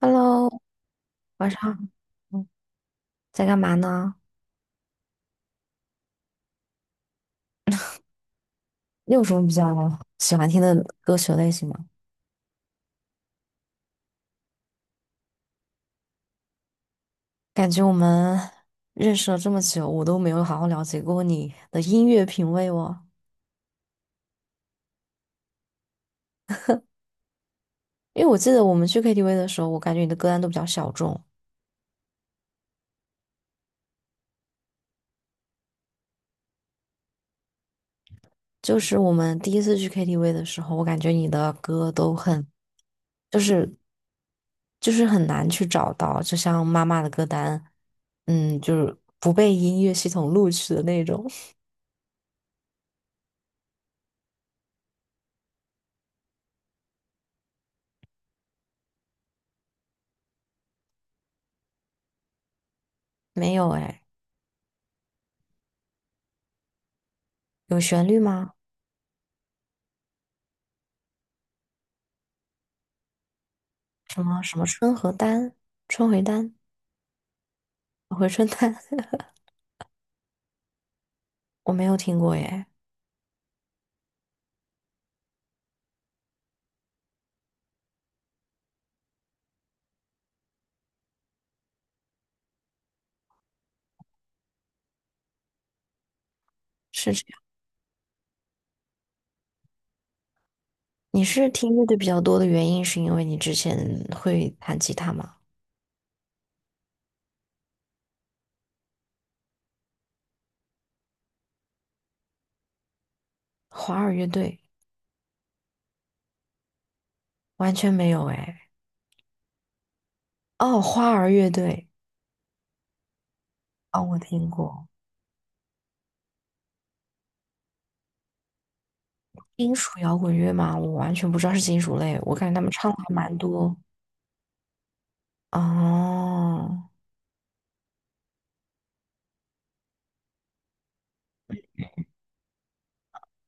Hello，晚上好，嗯在干嘛呢？你有什么比较喜欢听的歌曲类型吗？感觉我们认识了这么久，我都没有好好了解过你的音乐品味哦。因为我记得我们去 KTV 的时候，我感觉你的歌单都比较小众。就是我们第一次去 KTV 的时候，我感觉你的歌都很，就是就是很难去找到，就像妈妈的歌单，就是不被音乐系统录取的那种。没有哎，有旋律吗？什么春和丹、春回丹、回春丹，我没有听过耶。是这样，你是听乐队比较多的原因，是因为你之前会弹吉他吗？花儿乐队完全没有哎。哦，花儿乐队，哦，我听过。金属摇滚乐吗？我完全不知道是金属类，我感觉他们唱的还蛮多。哦，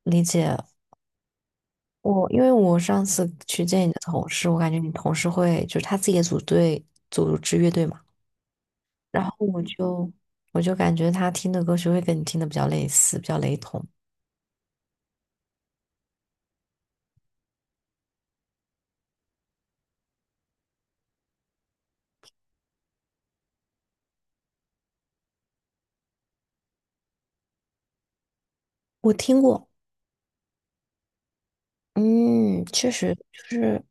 理解。我因为我上次去见你的同事，我感觉你同事会就是他自己也组队组织乐队嘛。然后我就感觉他听的歌曲会跟你听的比较类似，比较雷同。我听过，嗯，确实就是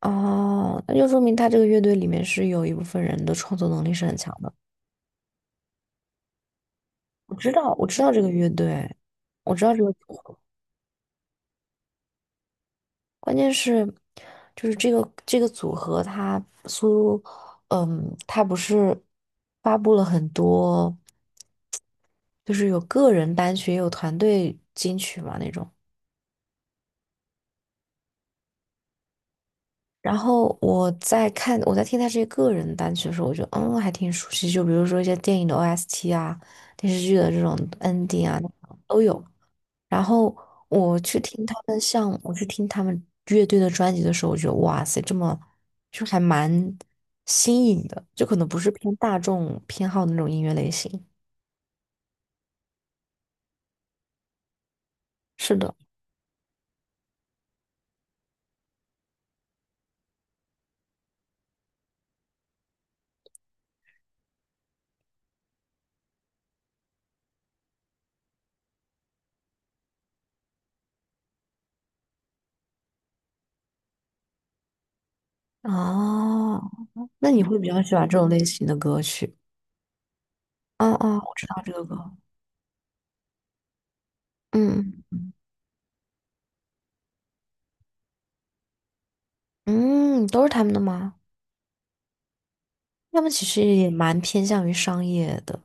哦，那就说明他这个乐队里面是有一部分人的创作能力是很强的。我知道，我知道这个乐队，我知道这个组合，关键是就是这个组合他苏，嗯，他不是发布了很多，就是有个人单曲也有团队金曲嘛那种。然后我在看，我在听他这些个人单曲的时候，我觉得还挺熟悉，就比如说一些电影的 OST 啊，电视剧的这种 ending 啊都有。然后我去听他们像我去听他们乐队的专辑的时候，我觉得哇塞，这么就还蛮新颖的，就可能不是偏大众偏好的那种音乐类型。是的，哦，那你会比较喜欢这种类型的歌曲？哦哦，我知道这个歌，嗯嗯，都是他们的吗？他们其实也蛮偏向于商业的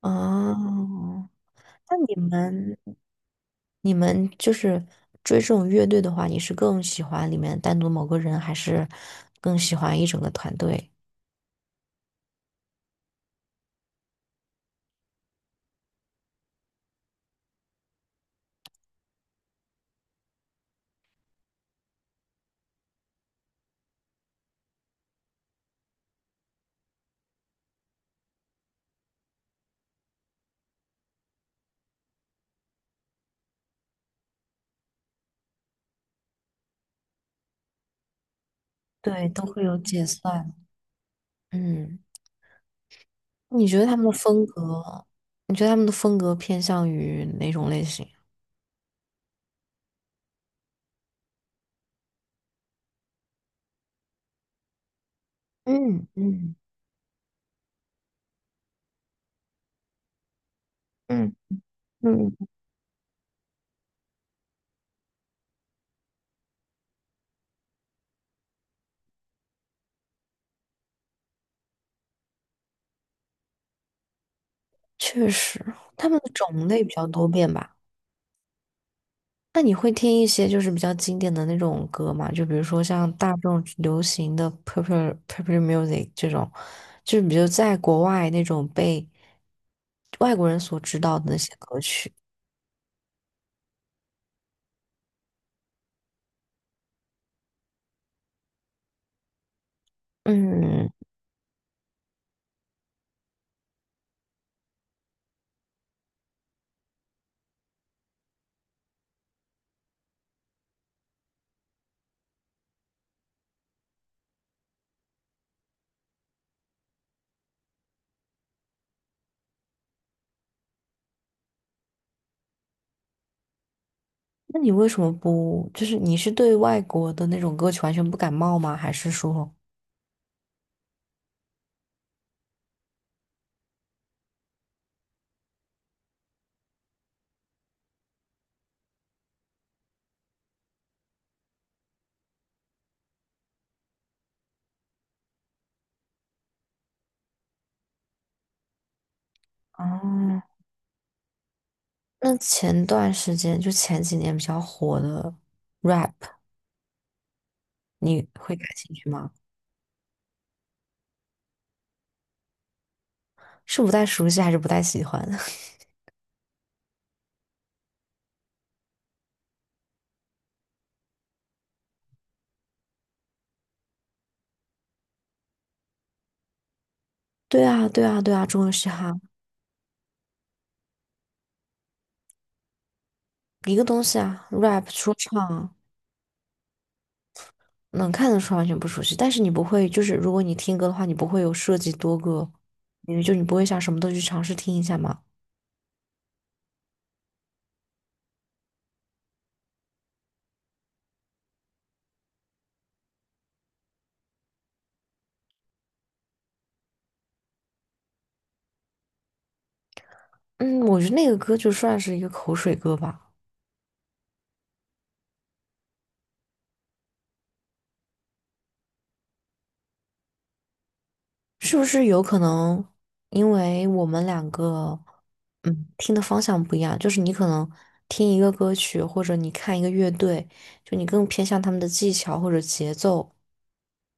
哦。那你们，你们就是追这种乐队的话，你是更喜欢里面单独某个人，还是更喜欢一整个团队？对，都会有解散。嗯，你觉得他们的风格，你觉得他们的风格偏向于哪种类型？嗯嗯嗯嗯，确实，他们的种类比较多变吧。那你会听一些就是比较经典的那种歌吗？就比如说像大众流行的 popular music 这种，就是比如在国外那种被外国人所知道的那些歌曲。嗯，那你为什么不，就是你是对外国的那种歌曲完全不感冒吗？还是说，哦，那前段时间就前几年比较火的 rap，你会感兴趣吗？是不太熟悉还是不太喜欢？对啊，对啊，对啊，中文嘻哈。一个东西啊，rap 说唱能看得出完全不熟悉，但是你不会，就是如果你听歌的话，你不会有涉及多个因为就你不会想什么都去尝试听一下嘛。嗯，我觉得那个歌就算是一个口水歌吧，是不是有可能因为我们两个听的方向不一样，就是你可能听一个歌曲或者你看一个乐队，就你更偏向他们的技巧或者节奏，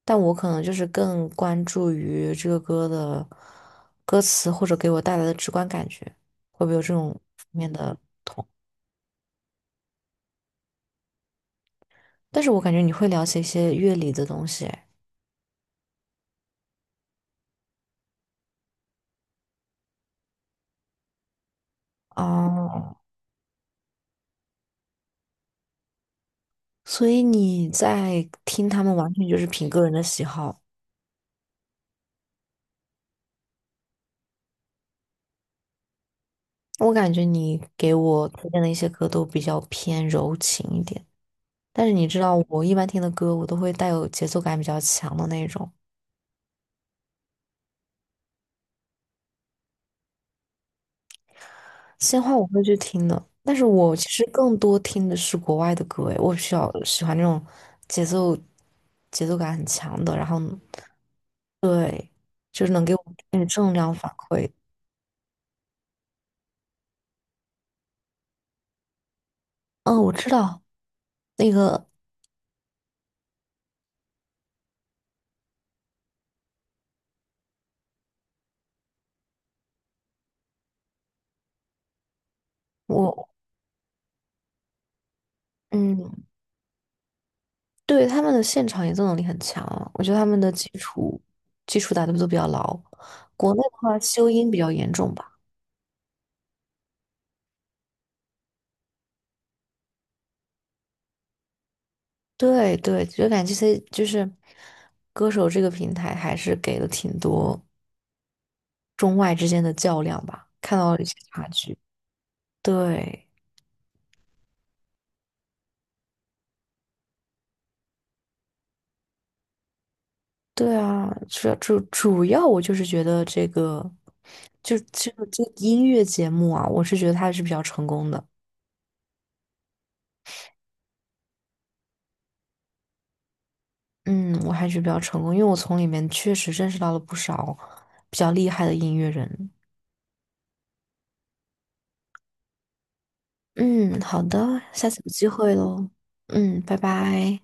但我可能就是更关注于这个歌的歌词或者给我带来的直观感觉，会不会有这种方面的？但是我感觉你会了解一些乐理的东西哎哦，所以你在听他们完全就是凭个人的喜好。我感觉你给我推荐的一些歌都比较偏柔情一点，但是你知道我一般听的歌，我都会带有节奏感比较强的那种。鲜花我会去听的，但是我其实更多听的是国外的歌，诶，我比较喜欢那种节奏节奏感很强的，然后对，就是能给我那个正量反馈。嗯，我知道那个我嗯，对他们的现场演奏能力很强啊我觉得他们的基础打得都比较牢。国内的话，修音比较严重吧。对对，就感觉这些就是歌手这个平台还是给了挺多。中外之间的较量吧，看到了一些差距。对，对啊，主要我就是觉得这个，就这个音乐节目啊，我是觉得它还是比较成功的。嗯，我还是比较成功，因为我从里面确实认识到了不少比较厉害的音乐人。嗯，好的，下次有机会喽。嗯，拜拜。